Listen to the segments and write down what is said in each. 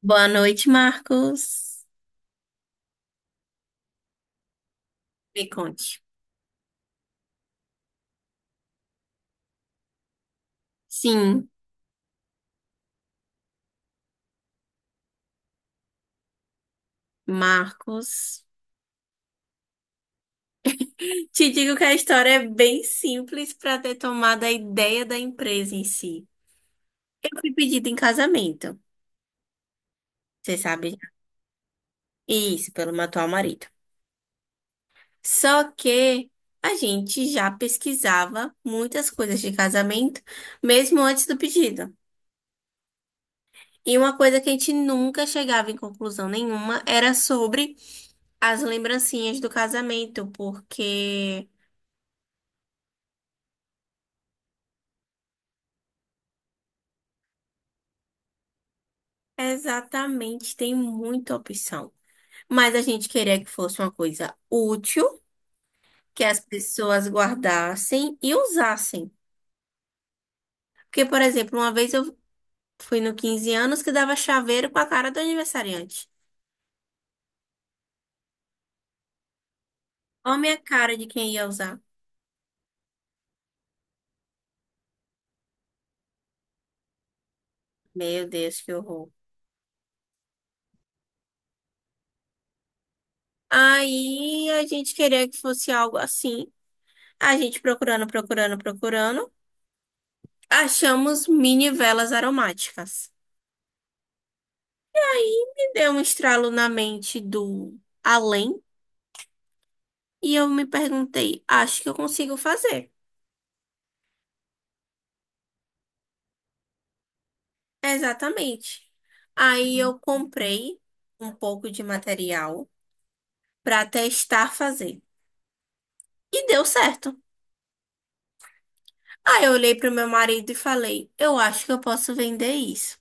Boa noite, Marcos. Me conte. Sim, Marcos. Te digo que a história é bem simples para ter tomado a ideia da empresa em si. Eu fui pedida em casamento, você sabe? Né? Isso, pelo meu atual marido. Só que a gente já pesquisava muitas coisas de casamento, mesmo antes do pedido. E uma coisa que a gente nunca chegava em conclusão nenhuma era sobre as lembrancinhas do casamento, porque. Exatamente, tem muita opção. Mas a gente queria que fosse uma coisa útil, que as pessoas guardassem e usassem. Porque, por exemplo, uma vez eu fui no 15 anos que dava chaveiro com a cara do aniversariante. Olha a minha cara de quem ia usar. Meu Deus, que horror. Aí a gente queria que fosse algo assim. A gente procurando, procurando, procurando. Achamos mini velas aromáticas. Me deu um estralo na mente do além. E eu me perguntei, acho que eu consigo fazer. Exatamente. Aí eu comprei um pouco de material para testar fazer. E deu certo. Aí eu olhei para o meu marido e falei, eu acho que eu posso vender isso.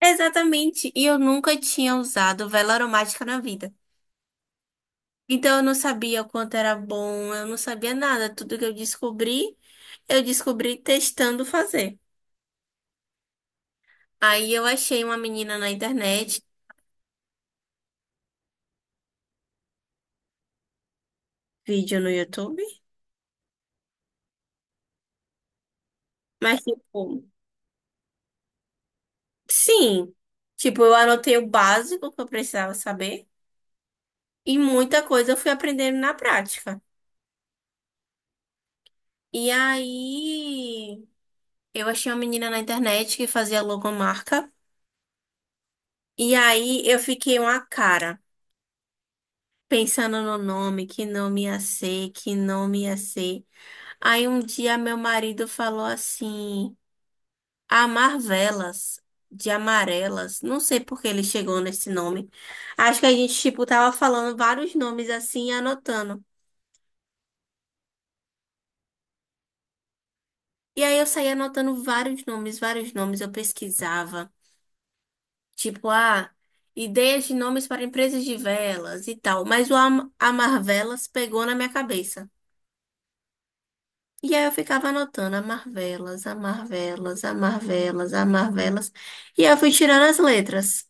Exatamente. E eu nunca tinha usado vela aromática na vida. Então eu não sabia o quanto era bom, eu não sabia nada. Tudo que eu descobri testando fazer. Aí eu achei uma menina na internet, vídeo no YouTube. Mas, tipo, sim. Tipo, eu anotei o básico que eu precisava saber. E muita coisa eu fui aprendendo na prática. E aí, eu achei uma menina na internet que fazia logomarca. E aí, eu fiquei uma cara, pensando no nome, que nome ia ser, que nome ia ser. Aí, um dia, meu marido falou assim. Amar velas de amarelas. Não sei por que ele chegou nesse nome. Acho que a gente, tipo, tava falando vários nomes assim e anotando. E aí eu saía anotando vários nomes, vários nomes. Eu pesquisava. Tipo, ah, ideias de nomes para empresas de velas e tal. Mas o am amar velas pegou na minha cabeça. E aí eu ficava anotando amar velas, amar velas, amar velas, amar velas. E aí eu fui tirando as letras.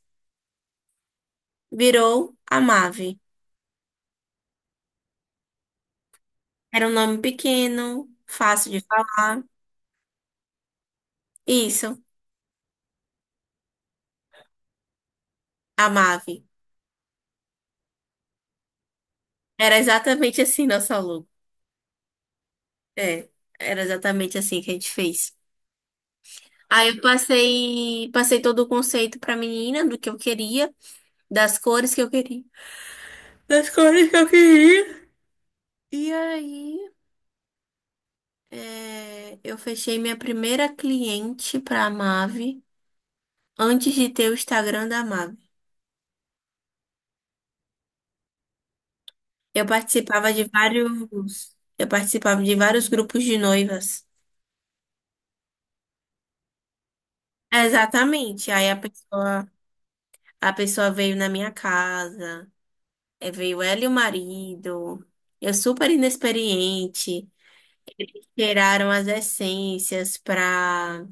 Virou Amave. Era um nome pequeno, fácil de falar. Isso, a Mave. Era exatamente assim nosso logo. É, era exatamente assim que a gente fez. Aí eu passei, passei todo o conceito pra menina do que eu queria, das cores que eu queria. Das cores que eu queria. E aí, é, eu fechei minha primeira cliente pra Mave antes de ter o Instagram da Mave. Eu participava de vários grupos de noivas. Exatamente. A pessoa veio na minha casa, veio ela e o marido, eu super inexperiente, tiraram as essências para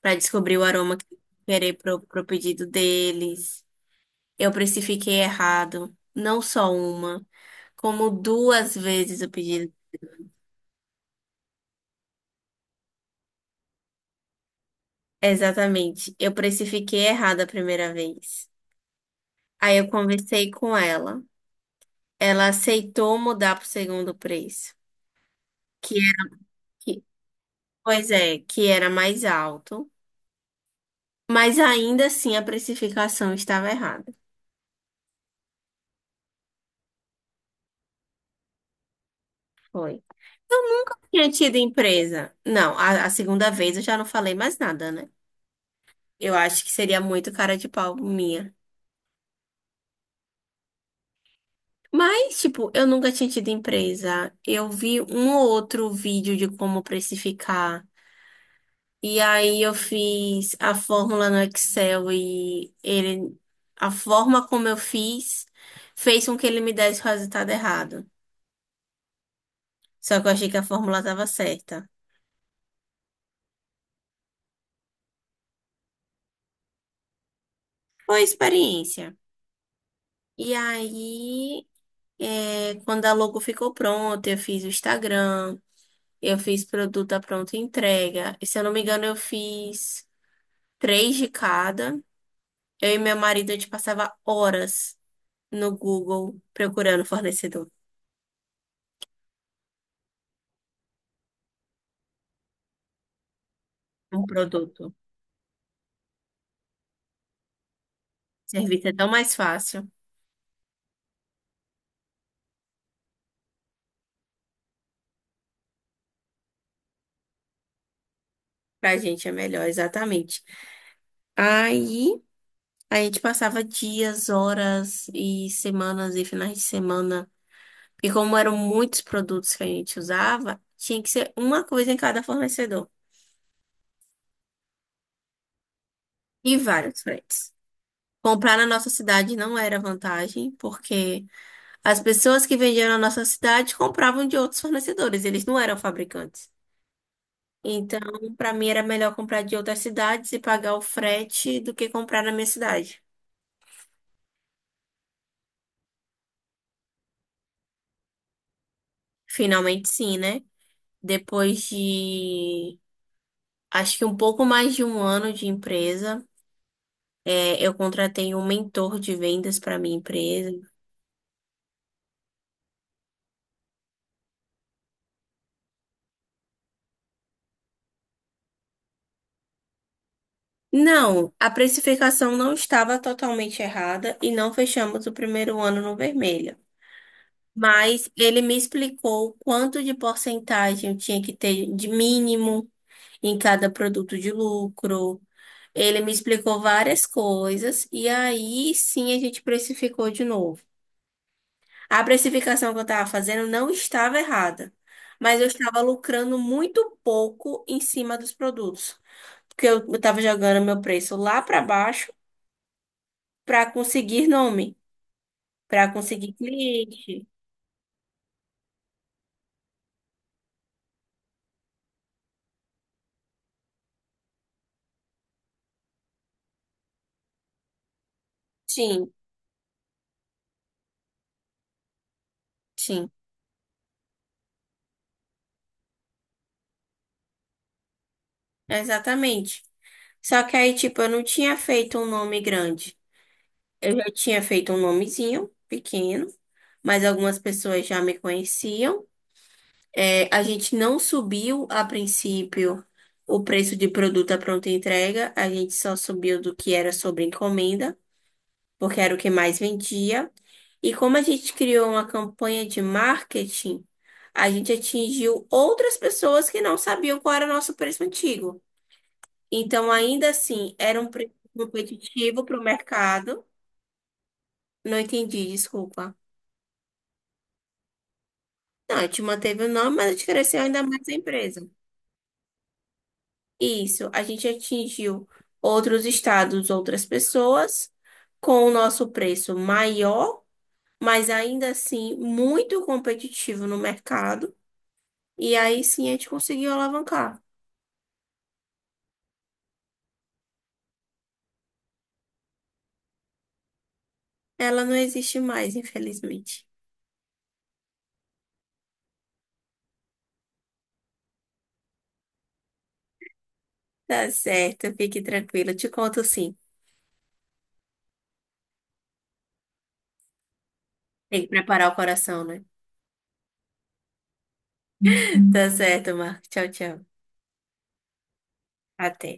descobrir o aroma que eu querer pro pedido deles. Eu precifiquei errado, não só uma, como duas vezes o pedido. Exatamente. Eu precifiquei errado a primeira vez. Aí eu conversei com ela. Ela aceitou mudar pro segundo preço. Que é Pois é, que era mais alto, mas ainda assim a precificação estava errada. Foi. Eu nunca tinha tido empresa. Não, a segunda vez eu já não falei mais nada, né? Eu acho que seria muito cara de pau minha. Mas, tipo, eu nunca tinha tido empresa. Eu vi um ou outro vídeo de como precificar. E aí eu fiz a fórmula no Excel e ele, a forma como eu fiz fez com que ele me desse o resultado errado. Só que eu achei que a fórmula estava certa. Foi a experiência. E aí, é, quando a logo ficou pronta, eu fiz o Instagram, eu fiz produto à pronta entrega. E se eu não me engano, eu fiz três de cada. Eu e meu marido, a gente passava horas no Google procurando fornecedor, um produto. Serviço é tão mais fácil. Pra gente é melhor, exatamente. Aí, a gente passava dias, horas e semanas e finais de semana. E como eram muitos produtos que a gente usava, tinha que ser uma coisa em cada fornecedor e vários fretes. Comprar na nossa cidade não era vantagem, porque as pessoas que vendiam na nossa cidade compravam de outros fornecedores, eles não eram fabricantes. Então, para mim era melhor comprar de outras cidades e pagar o frete do que comprar na minha cidade. Finalmente, sim, né? Depois de acho que um pouco mais de um ano de empresa, é, eu contratei um mentor de vendas para minha empresa. Não, a precificação não estava totalmente errada e não fechamos o primeiro ano no vermelho. Mas ele me explicou quanto de porcentagem eu tinha que ter de mínimo em cada produto de lucro. Ele me explicou várias coisas e aí sim a gente precificou de novo. A precificação que eu estava fazendo não estava errada, mas eu estava lucrando muito pouco em cima dos produtos, porque eu estava jogando meu preço lá para baixo para conseguir nome, para conseguir cliente. Sim, sim, exatamente. Só que aí, tipo, eu não tinha feito um nome grande. Eu já tinha feito um nomezinho pequeno, mas algumas pessoas já me conheciam. É, a gente não subiu a princípio o preço de produto à pronta entrega, a gente só subiu do que era sobre encomenda. Porque era o que mais vendia. E como a gente criou uma campanha de marketing, a gente atingiu outras pessoas que não sabiam qual era o nosso preço antigo. Então, ainda assim, era um preço competitivo para o mercado. Não entendi, desculpa. Não, a gente manteve o nome, mas a gente cresceu ainda mais a empresa. Isso, a gente atingiu outros estados, outras pessoas, com o nosso preço maior, mas ainda assim muito competitivo no mercado. E aí sim a gente conseguiu alavancar. Ela não existe mais, infelizmente. Tá certo, fique tranquila. Te conto sim. Tem que preparar o coração, né? Tá certo, Marco. Tchau, tchau. Até.